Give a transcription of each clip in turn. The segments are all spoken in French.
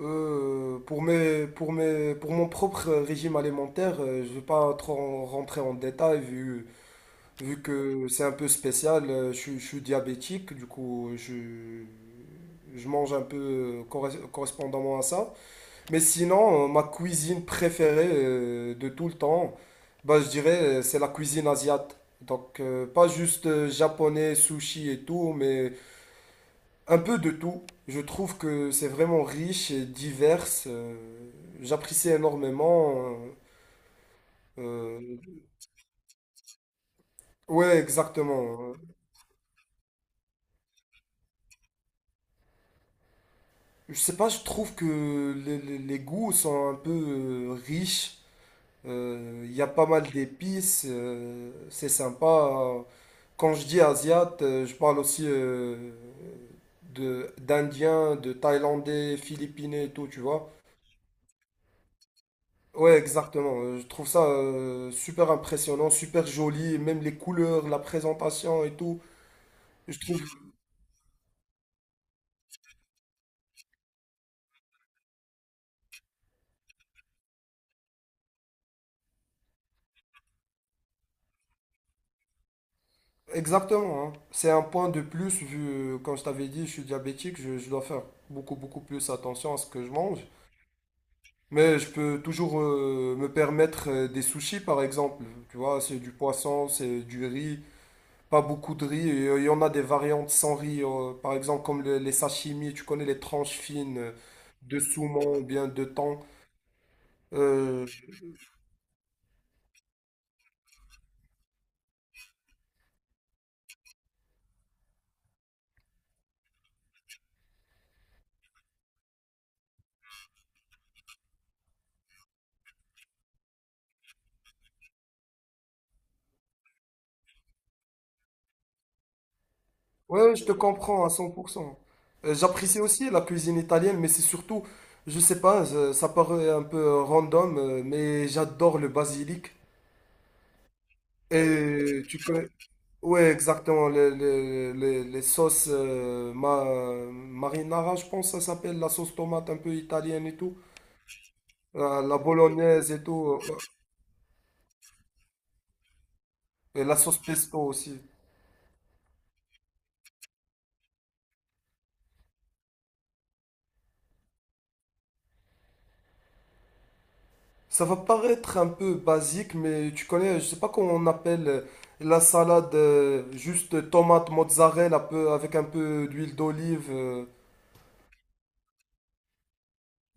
Pour mes, pour mes, pour mon propre régime alimentaire, je ne vais pas trop rentrer en détail vu que c'est un peu spécial. Je suis diabétique, du coup, je mange un peu correspondamment à ça. Mais sinon, ma cuisine préférée de tout le temps, je dirais, c'est la cuisine asiatique. Donc, pas juste japonais, sushi et tout, mais un peu de tout. Je trouve que c'est vraiment riche et divers. J'apprécie énormément. euh, euh, ouais, exactement. Je sais pas, je trouve que les goûts sont un peu riches. Il y a pas mal d'épices. C'est sympa. Quand je dis asiate, je parle aussi d'Indiens, de Thaïlandais, Philippinais et tout, tu vois. Ouais, exactement. Je trouve ça super impressionnant, super joli, et même les couleurs, la présentation et tout. Je trouve exactement. Hein, c'est un point de plus vu, comme je t'avais dit, je suis diabétique, je dois faire beaucoup, beaucoup plus attention à ce que je mange. Mais je peux toujours me permettre des sushis, par exemple. Tu vois, c'est du poisson, c'est du riz, pas beaucoup de riz. Et, il y en a des variantes sans riz, par exemple comme les sashimi, tu connais les tranches fines de saumon ou bien de thon. Euh, Ouais, ouais, je te comprends à 100%. J'apprécie aussi la cuisine italienne, mais c'est surtout, je sais pas, ça paraît un peu random, mais j'adore le basilic. Et tu connais, ouais, exactement, les sauces marinara, je pense que ça s'appelle, la sauce tomate un peu italienne et tout, la bolognaise et tout, et la sauce pesto aussi. Ça va paraître un peu basique, mais tu connais, je sais pas comment on appelle la salade, juste tomate mozzarella un peu, avec un peu d'huile d'olive.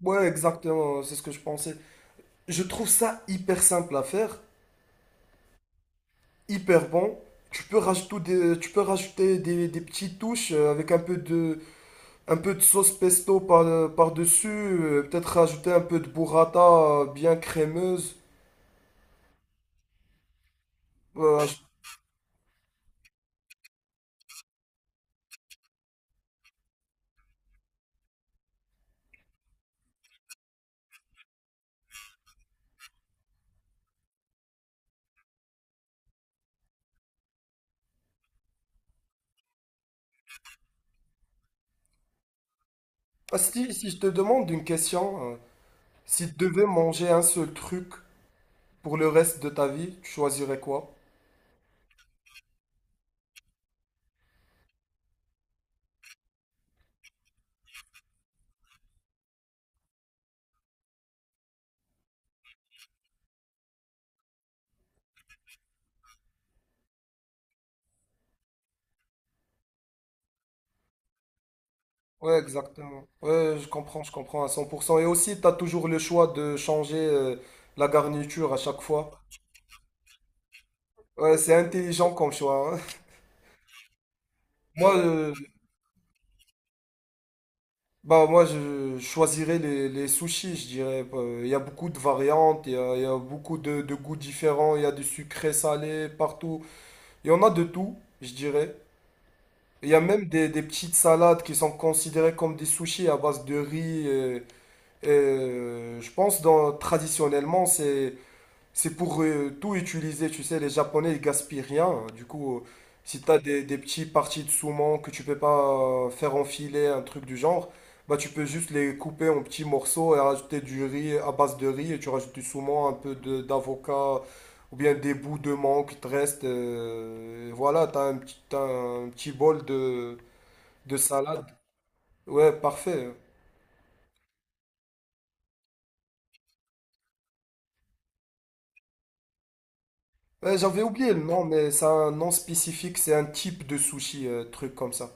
Ouais, exactement, c'est ce que je pensais. Je trouve ça hyper simple à faire, hyper bon. Tu peux rajouter des petites touches avec un peu de sauce pesto par-dessus, peut-être rajouter un peu de burrata bien crémeuse. Euh, je- ah, si je te demande une question. Si tu devais manger un seul truc pour le reste de ta vie, tu choisirais quoi? Ouais, exactement. Ouais, je comprends à 100%. Et aussi, tu as toujours le choix de changer la garniture à chaque fois. Ouais, c'est intelligent comme choix, hein. Moi, moi, je choisirais les sushis, je dirais. Il y a beaucoup de variantes, il y a beaucoup de goûts différents, il y a du sucré, salé, partout. Il y en a de tout, je dirais. Il y a même des petites salades qui sont considérées comme des sushis à base de riz. Je pense traditionnellement, c'est pour tout utiliser. Tu sais, les Japonais, ils gaspillent rien. Du coup, si tu as des petits parties de saumon que tu peux pas faire enfiler, un truc du genre, bah tu peux juste les couper en petits morceaux et rajouter du riz à base de riz et tu rajoutes du saumon, d'avocat ou bien des bouts de mangue qui te restent. Voilà, tu as un petit, t'as un petit bol de salade. Ouais, parfait. Ouais, j'avais oublié le nom, mais c'est un nom spécifique, c'est un type de sushi, truc comme ça.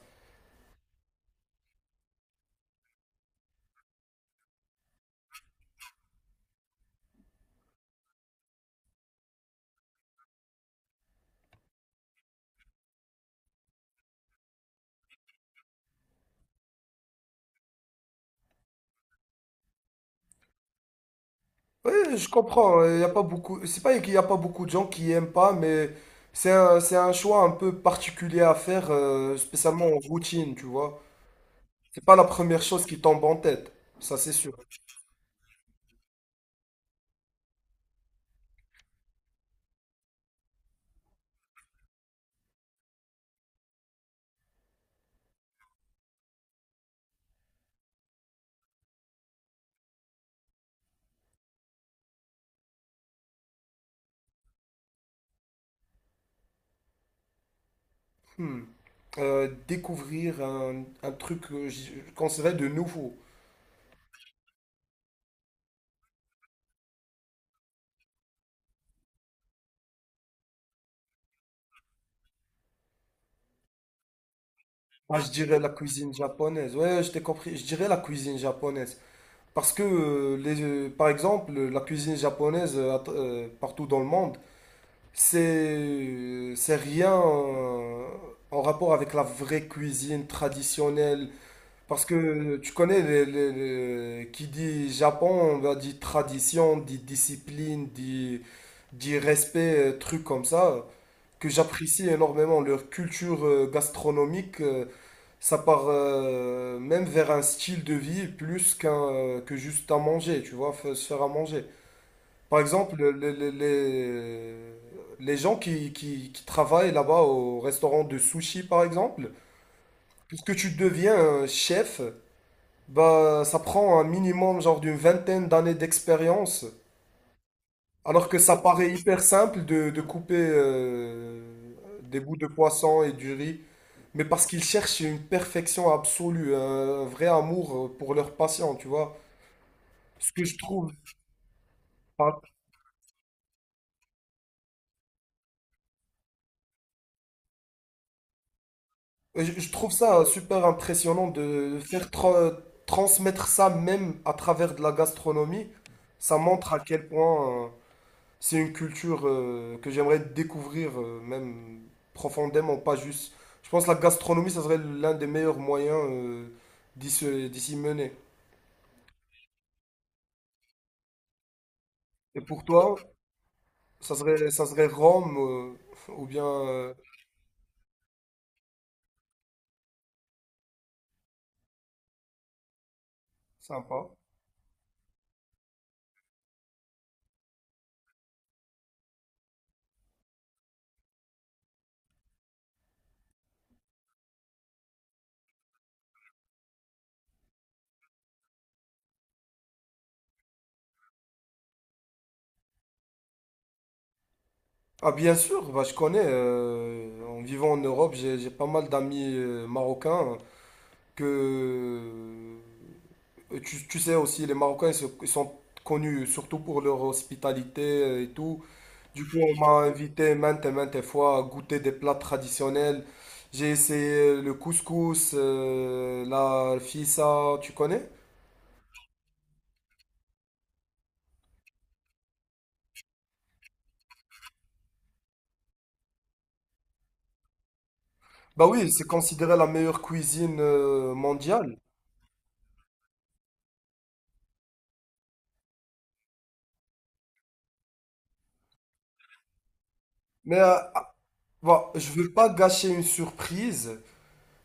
Ouais, je comprends, il y a pas beaucoup, c'est pas qu'il y a pas beaucoup de gens qui aiment pas, mais c'est un choix un peu particulier à faire, spécialement en routine, tu vois. C'est pas la première chose qui tombe en tête, ça c'est sûr. Hmm. Découvrir un truc que je qu'on de nouveau. Ah, je dirais la cuisine japonaise. Ouais, je t'ai compris. Je dirais la cuisine japonaise. Parce que, par exemple, la cuisine japonaise partout dans le monde, c'est c'est rien en rapport avec la vraie cuisine traditionnelle. Parce que tu connais, qui dit Japon, on va dit tradition, dit discipline, dit respect, trucs comme ça, que j'apprécie énormément. Leur culture gastronomique, ça part même vers un style de vie plus qu'un que juste à manger, tu vois, se faire à manger. Par exemple, les gens qui travaillent là-bas au restaurant de sushi, par exemple, pour que tu deviens un chef, bah, ça prend un minimum genre d'une vingtaine d'années d'expérience, alors que ça paraît hyper simple de couper des bouts de poisson et du riz. Mais parce qu'ils cherchent une perfection absolue, un vrai amour pour leurs patients, tu vois. Ce que je trouve, par- Je trouve ça super impressionnant de transmettre ça même à travers de la gastronomie. Ça montre à quel point c'est une culture que j'aimerais découvrir même profondément, pas juste. Je pense que la gastronomie, ça serait l'un des meilleurs moyens d'y s'y mener. Et pour toi, ça serait Rome ou bien... Sympa. Ah bien sûr, bah, je connais. En vivant en Europe, j'ai pas mal d'amis marocains que tu, tu sais aussi, les Marocains ils sont connus surtout pour leur hospitalité et tout. Du coup, on m'a invité maintes et maintes fois à goûter des plats traditionnels. J'ai essayé le couscous, la fissa, tu connais? Bah oui, c'est considéré la meilleure cuisine mondiale. Mais euh, ah, Bah, je veux pas gâcher une surprise.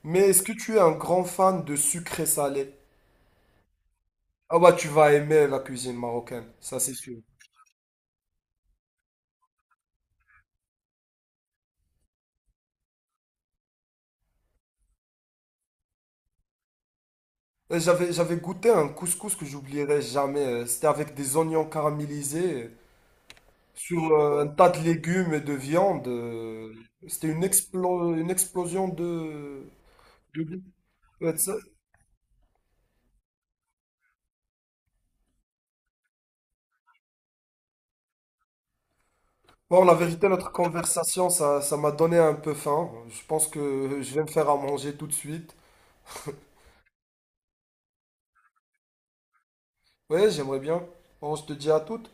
Mais est-ce que tu es un grand fan de sucré salé? Ah bah tu vas aimer la cuisine marocaine, ça c'est sûr. J'avais goûté un couscous que j'oublierai jamais. C'était avec des oignons caramélisés sur un tas de légumes et de viande. C'était une explosion de goût. Ouais, ça- Bon, la vérité, notre conversation, ça m'a donné un peu faim. Je pense que je vais me faire à manger tout de suite. Ouais, j'aimerais bien. Bon, je te dis à toutes.